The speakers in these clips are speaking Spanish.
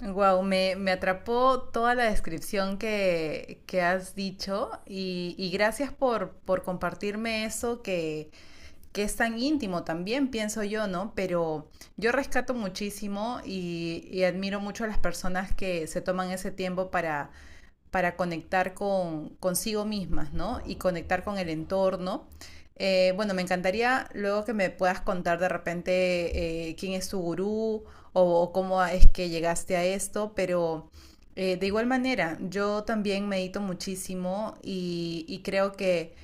Wow, me atrapó toda la descripción que has dicho y gracias por compartirme eso que es tan íntimo también, pienso yo, ¿no? Pero yo rescato muchísimo y admiro mucho a las personas que se toman ese tiempo para conectar con consigo mismas, ¿no? Y conectar con el entorno. Bueno, me encantaría luego que me puedas contar de repente quién es tu gurú o cómo es que llegaste a esto. Pero de igual manera, yo también medito muchísimo y creo que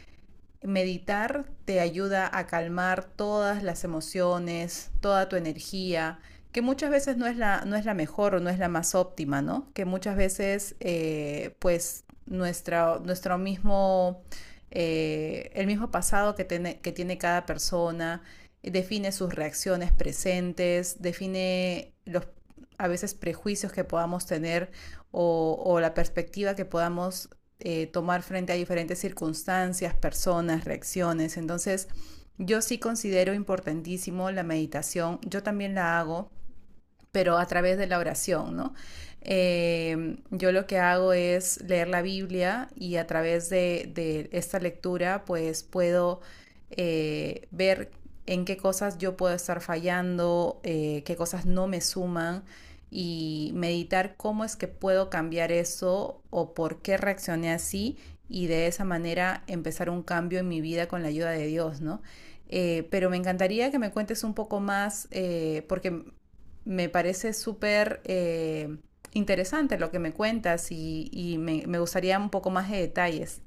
meditar te ayuda a calmar todas las emociones, toda tu energía, que muchas veces no es no es la mejor o no es la más óptima, ¿no? Que muchas veces, pues, nuestro mismo, el mismo pasado que tiene cada persona, define sus reacciones presentes, define los a veces prejuicios que podamos tener o la perspectiva que podamos tomar frente a diferentes circunstancias, personas, reacciones. Entonces, yo sí considero importantísimo la meditación, yo también la hago pero a través de la oración, ¿no? Yo lo que hago es leer la Biblia y a través de esta lectura pues puedo ver en qué cosas yo puedo estar fallando, qué cosas no me suman, y meditar cómo es que puedo cambiar eso o por qué reaccioné así, y de esa manera empezar un cambio en mi vida con la ayuda de Dios, ¿no? Pero me encantaría que me cuentes un poco más, porque me parece súper interesante lo que me cuentas, y me gustaría un poco más de detalles.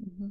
Uh -huh.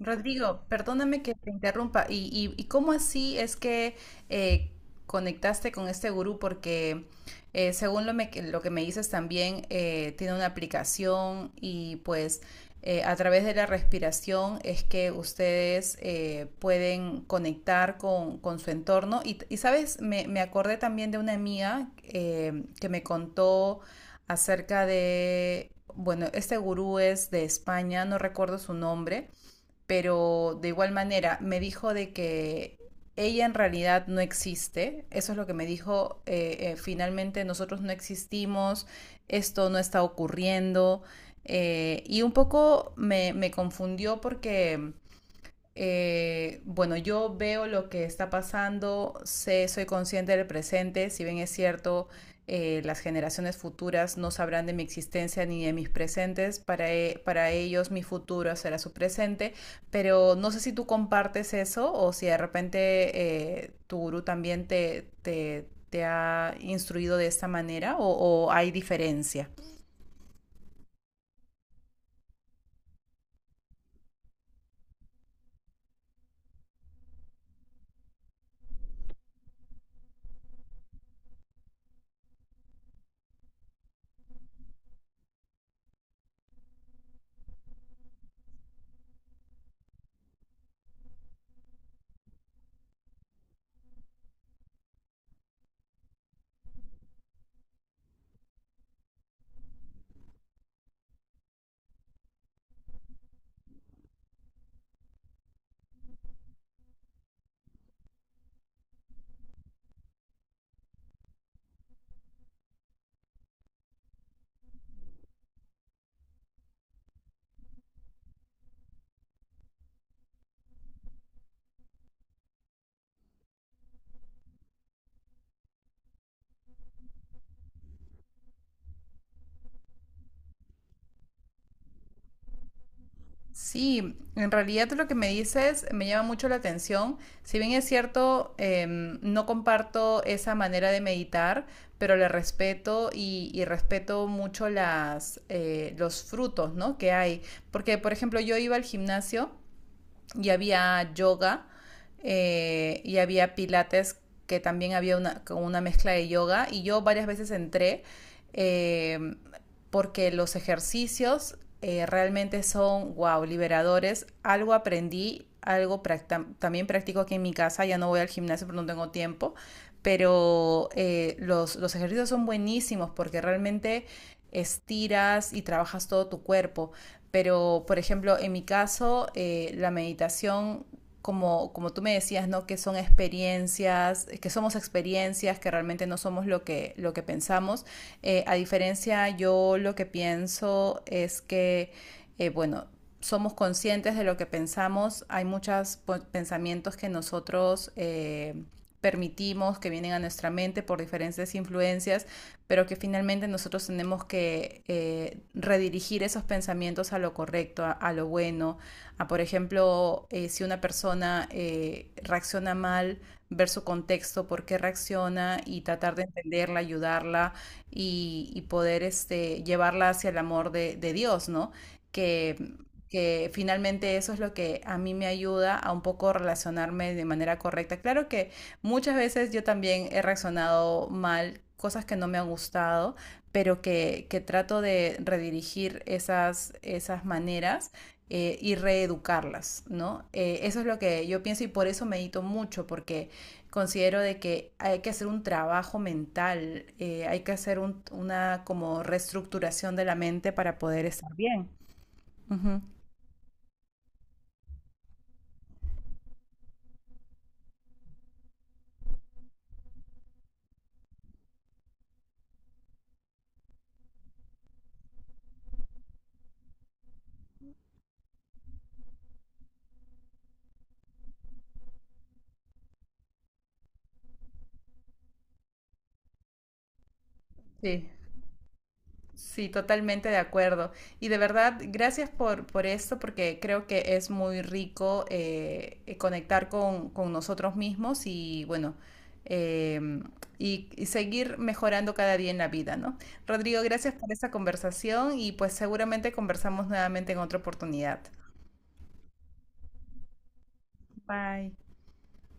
Rodrigo, perdóname que te interrumpa. ¿Y, y cómo así es que eh, conectaste con este gurú? Porque según lo que me dices también, tiene una aplicación y pues a través de la respiración es que ustedes pueden conectar con su entorno. Y, y sabes, me acordé también de una amiga que me contó acerca de, bueno, este gurú es de España, no recuerdo su nombre, pero de igual manera me dijo de que ella en realidad no existe, eso es lo que me dijo. Finalmente nosotros no existimos, esto no está ocurriendo. Y un poco me confundió porque bueno, yo veo lo que está pasando, sé, soy consciente del presente. Si bien es cierto, las generaciones futuras no sabrán de mi existencia ni de mis presentes, para ellos mi futuro será su presente. Pero no sé si tú compartes eso, o si de repente tu gurú también te ha instruido de esta manera, o hay diferencia. Sí, en realidad lo que me dices me llama mucho la atención. Si bien es cierto, no comparto esa manera de meditar, pero le respeto y respeto mucho las, los frutos, ¿no? Que hay. Porque, por ejemplo, yo iba al gimnasio y había yoga, y había pilates que también había una, con una mezcla de yoga, y yo varias veces entré eh, porque los ejercicios realmente son, wow, liberadores. Algo aprendí, algo también practico aquí en mi casa, ya no voy al gimnasio porque no tengo tiempo, pero los ejercicios son buenísimos porque realmente estiras y trabajas todo tu cuerpo. Pero, por ejemplo, en mi caso, la meditación, como, como tú me decías, ¿no? Que son experiencias, que somos experiencias, que realmente no somos lo que pensamos. A diferencia, yo lo que pienso es que, bueno, somos conscientes de lo que pensamos. Hay muchos pensamientos que nosotros permitimos que vienen a nuestra mente por diferentes influencias, pero que finalmente nosotros tenemos que redirigir esos pensamientos a lo correcto, a lo bueno. A por ejemplo, si una persona reacciona mal, ver su contexto, por qué reacciona, y tratar de entenderla, ayudarla y poder este, llevarla hacia el amor de Dios, ¿no? Que que finalmente eso es lo que a mí me ayuda a un poco relacionarme de manera correcta. Claro que muchas veces yo también he reaccionado mal, cosas que no me han gustado, pero que trato de redirigir esas, esas maneras, y reeducarlas, ¿no? Eso es lo que yo pienso, y por eso medito mucho, porque considero de que hay que hacer un trabajo mental. Hay que hacer una como reestructuración de la mente para poder estar bien. Ujú. Sí. Sí, totalmente de acuerdo. Y de verdad, gracias por esto, porque creo que es muy rico conectar con nosotros mismos y bueno, em, y seguir mejorando cada día en la vida, ¿no? Rodrigo, gracias por esta conversación y pues seguramente conversamos nuevamente en otra oportunidad. Bye.